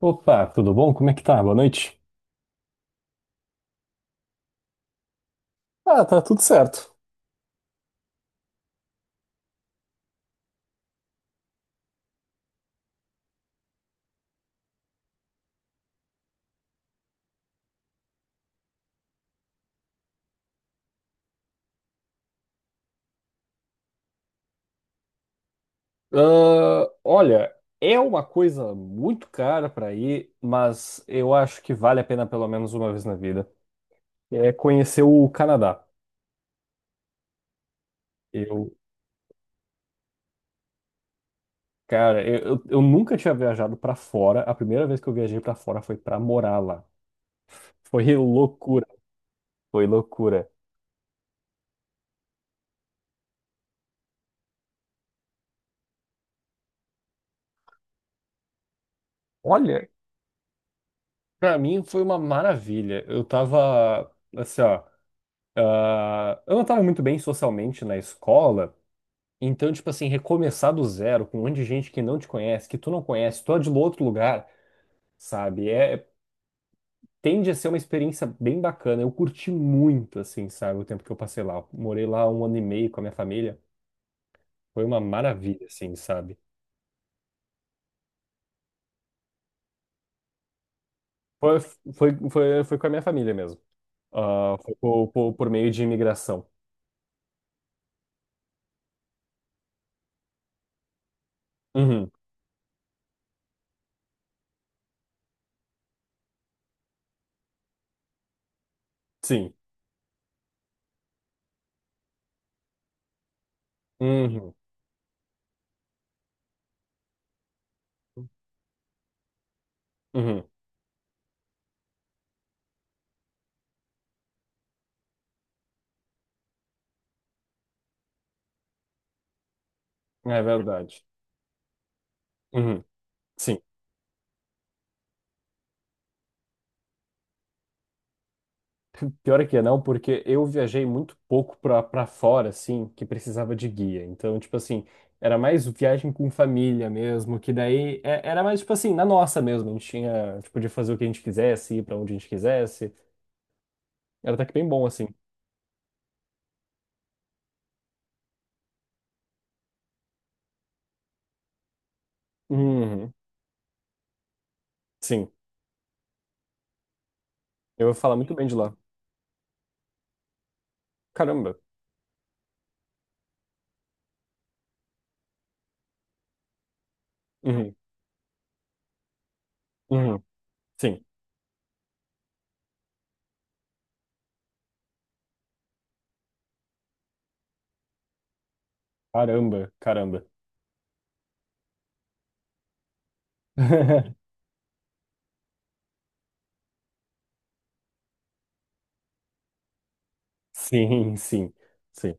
Opa, tudo bom? Como é que tá? Boa noite. Tá tudo certo. Olha, é uma coisa muito cara pra ir, mas eu acho que vale a pena pelo menos uma vez na vida. É conhecer o Canadá. Eu, cara, eu nunca tinha viajado pra fora. A primeira vez que eu viajei pra fora foi pra morar lá. Foi loucura, foi loucura. Olha, pra mim foi uma maravilha. Eu tava assim, ó, eu não tava muito bem socialmente na escola. Então, tipo assim, recomeçar do zero com um monte de gente que não te conhece, que tu não conhece, tu é de outro lugar, sabe? Tende a ser uma experiência bem bacana. Eu curti muito, assim, sabe, o tempo que eu passei lá. Eu morei lá um ano e meio com a minha família. Foi uma maravilha, assim, sabe? Foi, foi com a minha família mesmo. Ah, foi por meio de imigração. Uhum, sim. Uhum, uhum. É verdade. Uhum, sim. Pior é que não, porque eu viajei muito pouco pra fora, assim, que precisava de guia. Então, tipo assim, era mais viagem com família mesmo, que daí era mais, tipo assim, na nossa mesmo. A gente tinha, a gente podia fazer o que a gente quisesse, ir pra onde a gente quisesse. Era até que bem bom, assim. Uhum, sim. Eu vou falar muito bem de lá. Caramba. Uhum, uhum, sim. Caramba, caramba. Sim, sim, sim.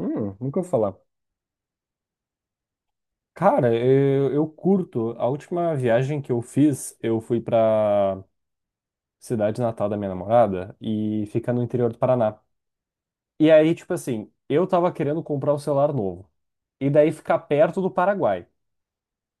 Nunca vou falar. Cara, eu curto. A última viagem que eu fiz, eu fui pra cidade natal da minha namorada e fica no interior do Paraná. E aí, tipo assim, eu tava querendo comprar um celular novo. E daí ficar perto do Paraguai.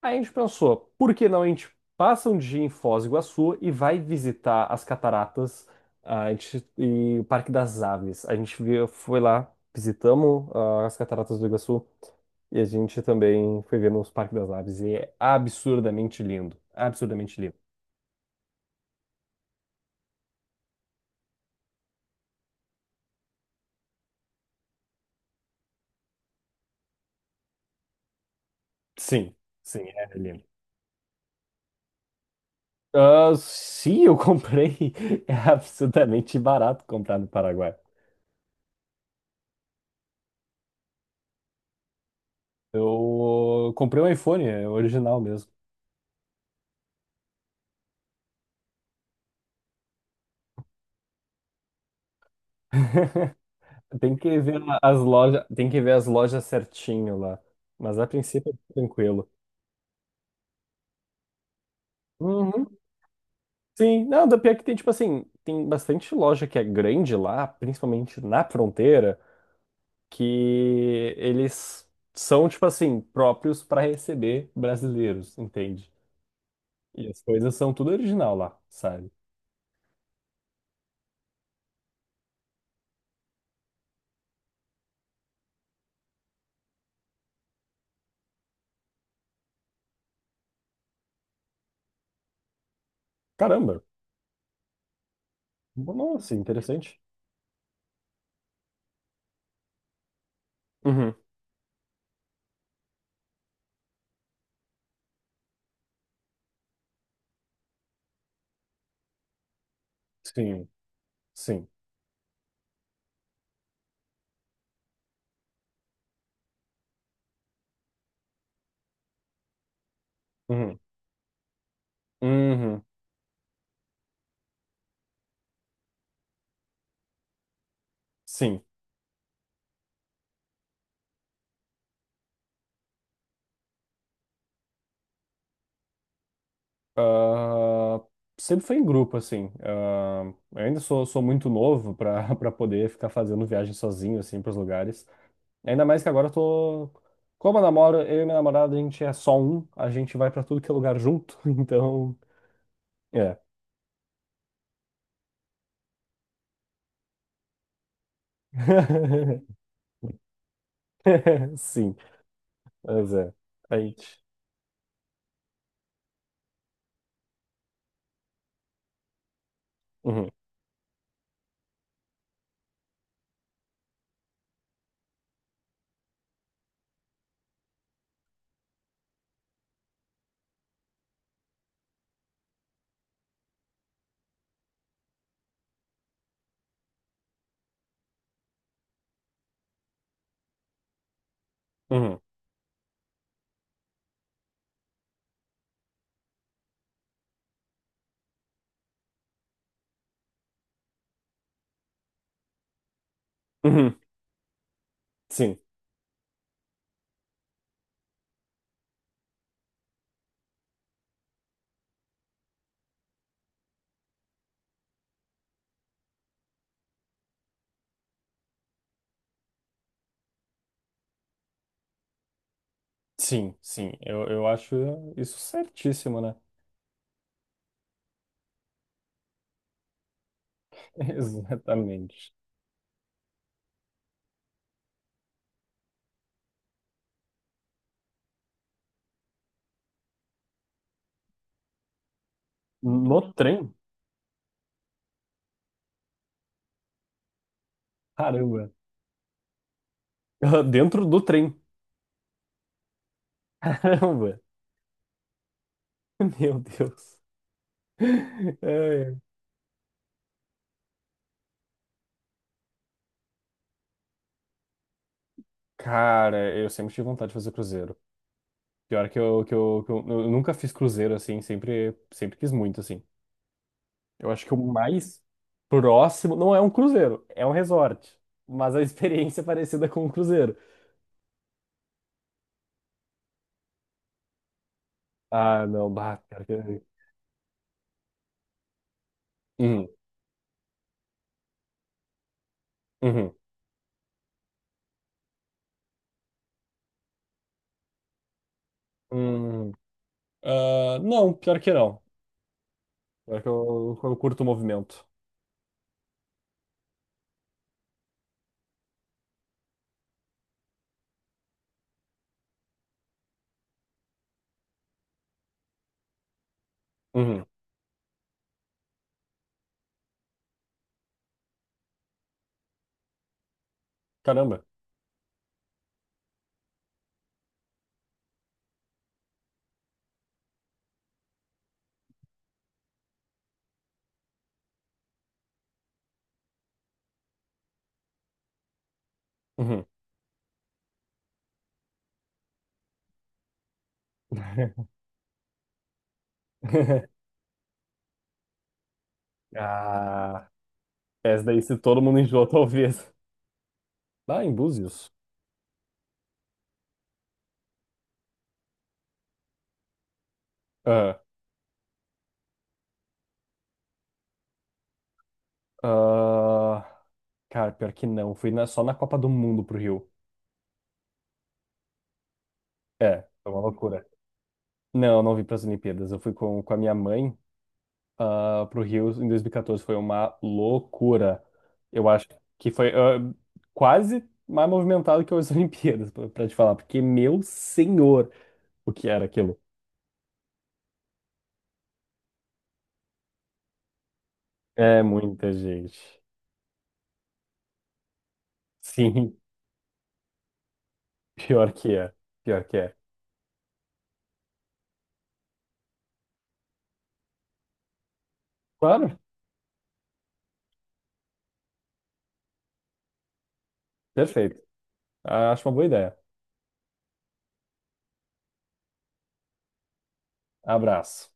Aí a gente pensou, por que não a gente passa um dia em Foz do Iguaçu e vai visitar as cataratas, a gente, e o Parque das Aves. A gente foi lá, visitamos as cataratas do Iguaçu e a gente também foi ver nos Parque das Aves e é absurdamente lindo, absurdamente lindo. Sim, sim, é lindo. Ah, sim, eu comprei, é absurdamente barato comprar no Paraguai. Eu comprei um iPhone, é original mesmo. Tem que ver as lojas, tem que ver as lojas certinho lá. Mas a princípio é tranquilo. Uhum. Sim, não, da pior é que tem, tipo assim, tem bastante loja que é grande lá, principalmente na fronteira, que eles são, tipo assim, próprios para receber brasileiros, entende? E as coisas são tudo original lá, sabe? Caramba, nossa, interessante. Uhum. Sim, sim. Uhum. Uhum. Sim. Ah, sempre foi em grupo, assim. Ah, eu ainda sou muito novo para para poder ficar fazendo viagem sozinho, assim, para os lugares. Ainda mais que agora eu tô. Como eu namoro, eu e minha namorada, a gente é só um, a gente vai para tudo que é lugar junto, então. É. Sim, mas é. A gente. Uhum, uhum, uhum. Sim, sim, sim. Eu acho isso certíssimo, né? Exatamente. No trem? Caramba. Dentro do trem. Caramba! Meu Deus. Ai, cara, eu sempre tive vontade de fazer cruzeiro. Pior que eu, que eu, que eu nunca fiz cruzeiro assim, sempre, sempre quis muito assim. Eu acho que o mais próximo não é um cruzeiro, é um resort, mas a experiência é parecida com um cruzeiro. Ah, não, bah, pior que. Uhum, uhum, uhum. Ah, não, pior que não. Pior que eu curto o movimento. Uhum. Caramba. Uhum. Ah. Essa daí, se todo mundo enjoou, talvez. Lá em Búzios? Ah, ah, cara, pior que não. Fui só na Copa do Mundo pro Rio. É, é uma loucura. Não, não vim pras Olimpíadas. Eu fui com a minha mãe pro Rio em 2014. Foi uma loucura. Eu acho que foi quase mais movimentado que as Olimpíadas, pra te falar. Porque, meu senhor, o que era aquilo? É muita gente. Sim, pior que é. Pior que é. Claro, perfeito. Acho uma boa ideia. Abraço.